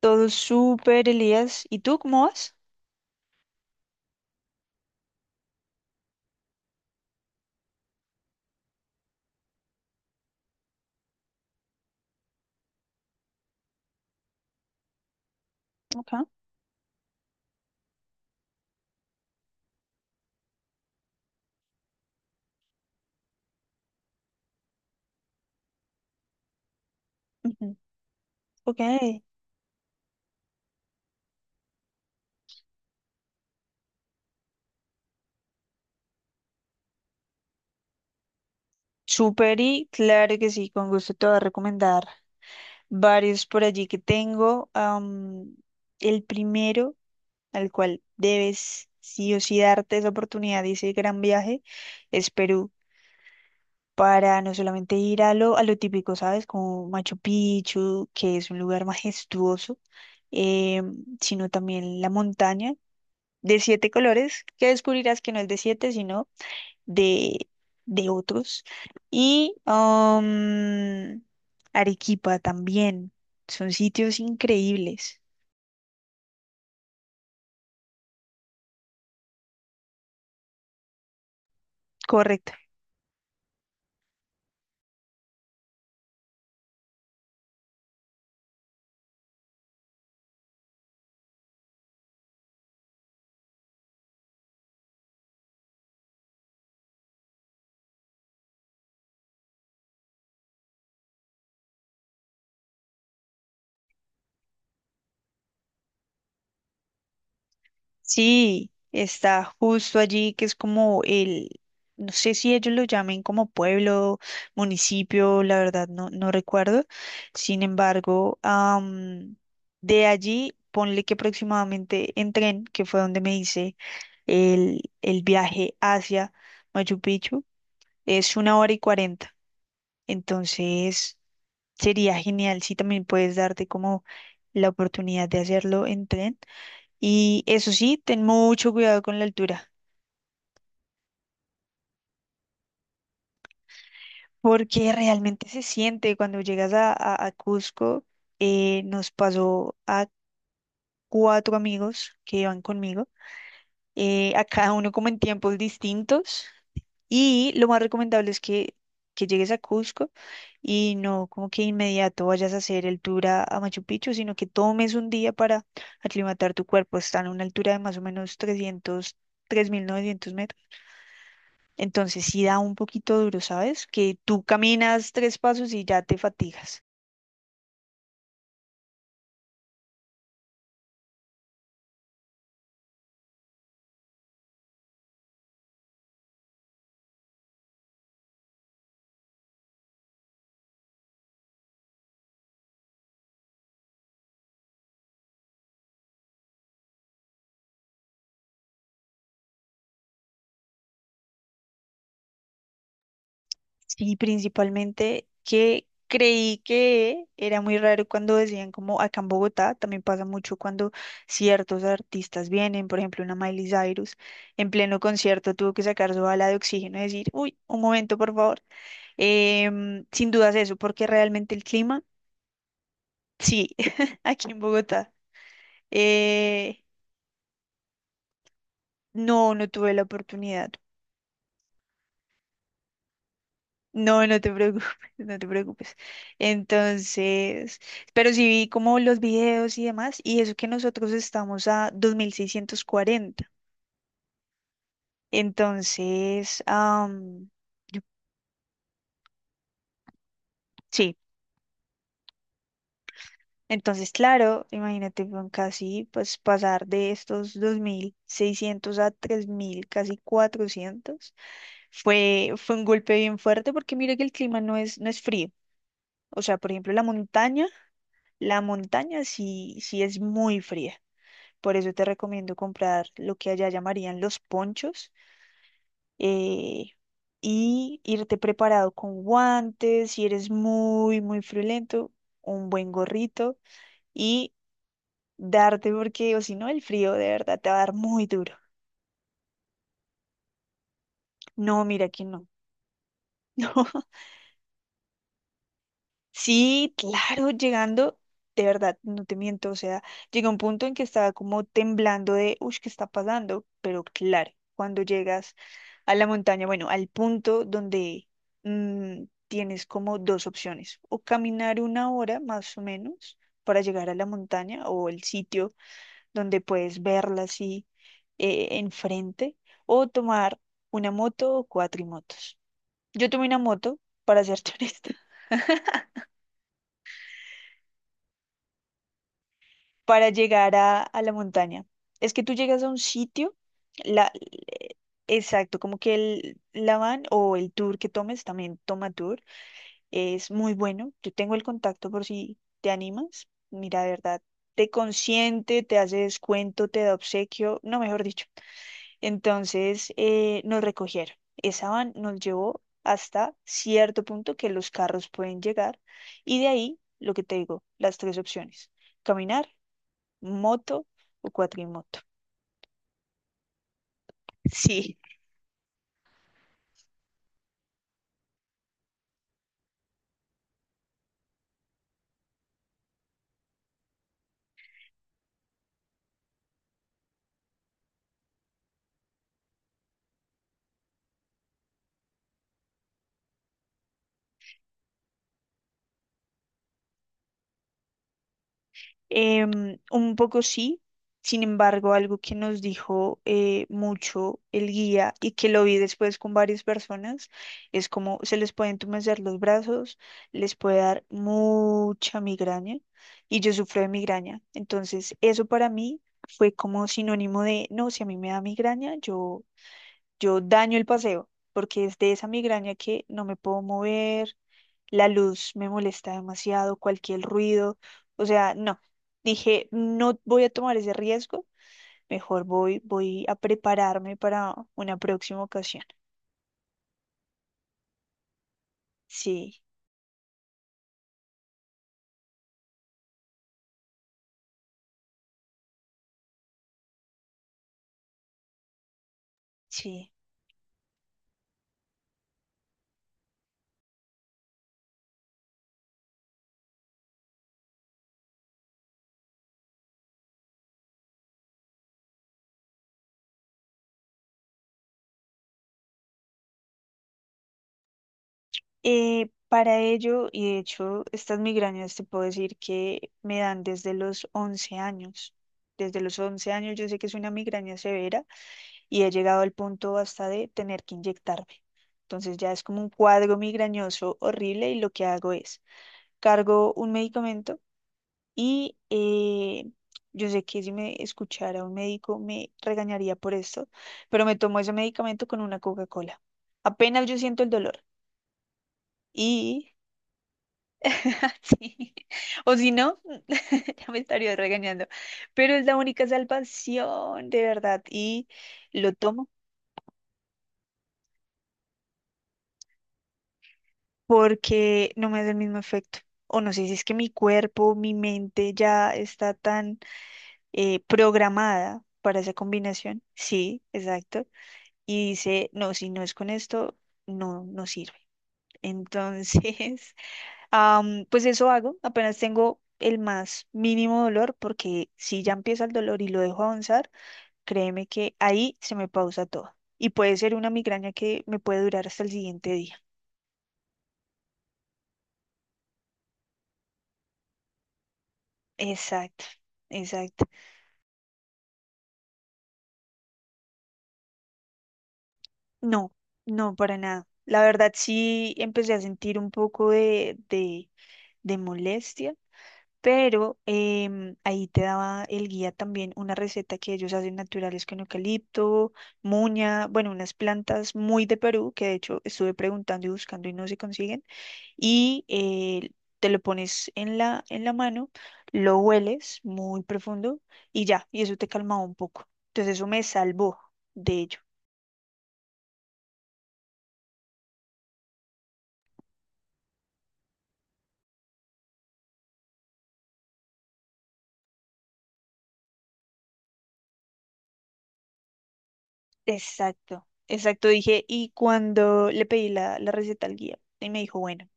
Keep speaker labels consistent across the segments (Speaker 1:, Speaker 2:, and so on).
Speaker 1: Todo súper, Elías. ¿Y tú cómo vas? Acá. Ujú. Ok. Súper y claro que sí, con gusto te voy a recomendar varios por allí que tengo. El primero, al cual debes sí o sí darte esa oportunidad y ese gran viaje, es Perú. Para no solamente ir a lo típico, ¿sabes? Como Machu Picchu, que es un lugar majestuoso, sino también la montaña de siete colores, que descubrirás que no es de siete, sino de, de otros. Y Arequipa también. Son sitios increíbles. Correcto. Sí, está justo allí, que es como el, no sé si ellos lo llamen como pueblo, municipio, la verdad no, no recuerdo. Sin embargo, de allí, ponle que aproximadamente en tren, que fue donde me hice el viaje hacia Machu Picchu, es una hora y cuarenta. Entonces, sería genial si también puedes darte como la oportunidad de hacerlo en tren. Y eso sí, ten mucho cuidado con la altura, porque realmente se siente cuando llegas a Cusco. Nos pasó a cuatro amigos que iban conmigo, a cada uno como en tiempos distintos. Y lo más recomendable es que llegues a Cusco y no como que inmediato vayas a hacer el tour a Machu Picchu, sino que tomes un día para aclimatar tu cuerpo. Está a una altura de más o menos 3.900 metros. Entonces sí da un poquito duro, ¿sabes? Que tú caminas tres pasos y ya te fatigas. Sí, principalmente que creí que era muy raro cuando decían como acá en Bogotá, también pasa mucho cuando ciertos artistas vienen, por ejemplo, una Miley Cyrus, en pleno concierto tuvo que sacar su bala de oxígeno y decir, uy, un momento, por favor. Sin dudas eso, porque realmente el clima, sí, aquí en Bogotá, eh, no, no tuve la oportunidad. No, no te preocupes, no te preocupes. Entonces, pero sí vi como los videos y demás, y eso que nosotros estamos a 2.640. Entonces, yo- sí, entonces, claro, imagínate con casi pues pasar de estos 2.600 a 3.000, casi 400. Fue un golpe bien fuerte porque mira que el clima no es, no es frío. O sea, por ejemplo, la montaña sí, sí es muy fría. Por eso te recomiendo comprar lo que allá llamarían los ponchos, eh, y irte preparado con guantes, si eres muy, muy friolento, un buen gorrito y darte, porque, o si no, el frío de verdad te va a dar muy duro. No, mira que no. No. Sí, claro, llegando, de verdad, no te miento, o sea, llega un punto en que estaba como temblando de, uy, ¿qué está pasando? Pero claro, cuando llegas a la montaña, bueno, al punto donde tienes como dos opciones, o caminar una hora más o menos para llegar a la montaña o el sitio donde puedes verla así enfrente, o tomar una moto o cuatrimotos. Yo tomé una moto, para serte honesta. Para llegar a la montaña. Es que tú llegas a un sitio, la, eh, exacto, como que la van o el tour que tomes, también toma tour, es muy bueno. Yo tengo el contacto por si te animas. Mira, de verdad, te consiente, te hace descuento, te da obsequio, no, mejor dicho. Entonces, nos recogieron. Esa van nos llevó hasta cierto punto que los carros pueden llegar y de ahí, lo que te digo, las tres opciones. Caminar, moto o cuatrimoto. Sí, un poco sí. Sin embargo, algo que nos dijo mucho el guía y que lo vi después con varias personas es como se les pueden entumecer los brazos, les puede dar mucha migraña, y yo sufro de migraña. Entonces, eso para mí fue como sinónimo de, no, si a mí me da migraña, yo daño el paseo, porque es de esa migraña que no me puedo mover. La luz me molesta demasiado, cualquier ruido, o sea, no. Dije, no voy a tomar ese riesgo, mejor voy, voy a prepararme para una próxima ocasión. Sí, sí. Para ello, y de hecho, estas migrañas te puedo decir que me dan desde los 11 años. Desde los 11 años yo sé que es una migraña severa y he llegado al punto hasta de tener que inyectarme. Entonces ya es como un cuadro migrañoso horrible y lo que hago es cargo un medicamento y yo sé que si me escuchara un médico me regañaría por esto, pero me tomo ese medicamento con una Coca-Cola. Apenas yo siento el dolor y sí, o si no, ya me estaría regañando, pero es la única salvación, de verdad, y lo tomo. Porque no me hace el mismo efecto. O no sé si es que mi cuerpo, mi mente ya está tan programada para esa combinación. Sí, exacto. Y dice, no, si no es con esto, no, no sirve. Entonces, pues eso hago. Apenas tengo el más mínimo dolor, porque si ya empieza el dolor y lo dejo avanzar, créeme que ahí se me pausa todo. Y puede ser una migraña que me puede durar hasta el siguiente día. Exacto, exacto. No, no, para nada. La verdad sí empecé a sentir un poco de molestia, pero ahí te daba el guía también una receta que ellos hacen naturales con eucalipto, muña, bueno, unas plantas muy de Perú que de hecho estuve preguntando y buscando y no se consiguen. Y te lo pones en la mano, lo hueles muy profundo y ya, y eso te calmaba un poco. Entonces eso me salvó. De Exacto, exacto, dije, y cuando le pedí la, la receta al guía, y me dijo, bueno,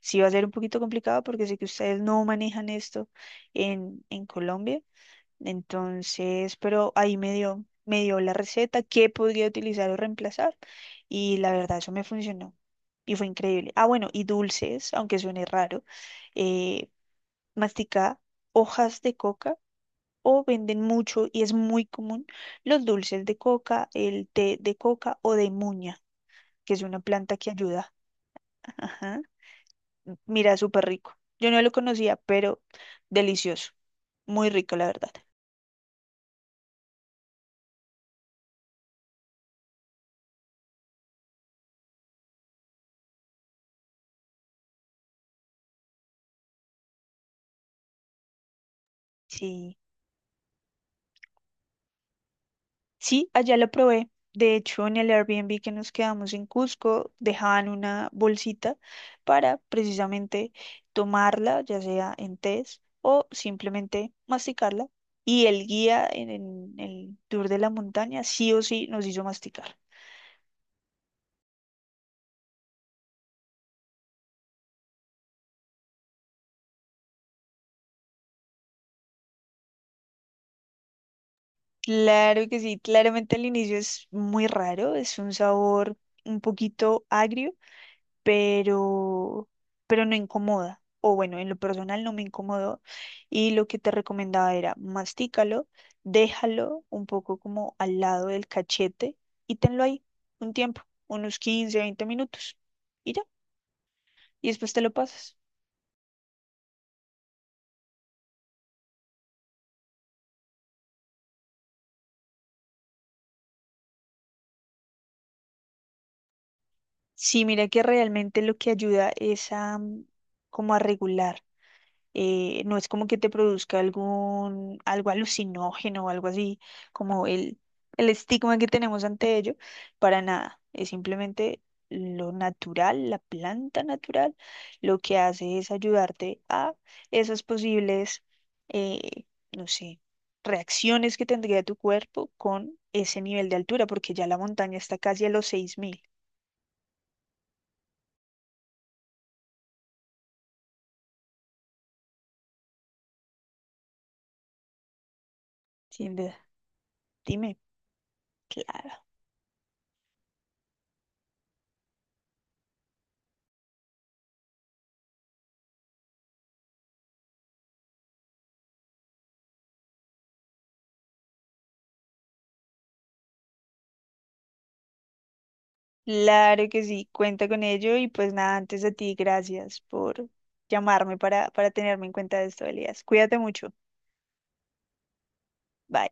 Speaker 1: sí va a ser un poquito complicado porque sé que ustedes no manejan esto en Colombia, entonces, pero ahí me dio la receta, qué podría utilizar o reemplazar, y la verdad eso me funcionó, y fue increíble. Ah, bueno, y dulces, aunque suene raro, eh, masticaba hojas de coca, o venden mucho y es muy común los dulces de coca, el té de coca o de muña, que es una planta que ayuda. Ajá. Mira, súper rico. Yo no lo conocía, pero delicioso. Muy rico, la verdad. Sí. Sí, allá lo probé. De hecho, en el Airbnb que nos quedamos en Cusco, dejaban una bolsita para precisamente tomarla, ya sea en tés o simplemente masticarla. Y el guía en el tour de la montaña sí o sí nos hizo masticar. Claro que sí, claramente al inicio es muy raro, es un sabor un poquito agrio, pero, pero no incomoda. O bueno, en lo personal no me incomodó. Y lo que te recomendaba era mastícalo, déjalo un poco como al lado del cachete y tenlo ahí un tiempo, unos 15-20 minutos. Y ya, y después te lo pasas. Sí, mira que realmente lo que ayuda es a como a regular. No es como que te produzca algún, algo alucinógeno o algo así, como el estigma que tenemos ante ello, para nada, es simplemente lo natural, la planta natural. Lo que hace es ayudarte a esas posibles, eh, no sé, reacciones que tendría tu cuerpo con ese nivel de altura, porque ya la montaña está casi a los 6.000, sin duda. Dime, claro. Claro que sí, cuenta con ello y pues nada, antes a ti, gracias por llamarme para tenerme en cuenta de esto, Elías. Cuídate mucho. Bye.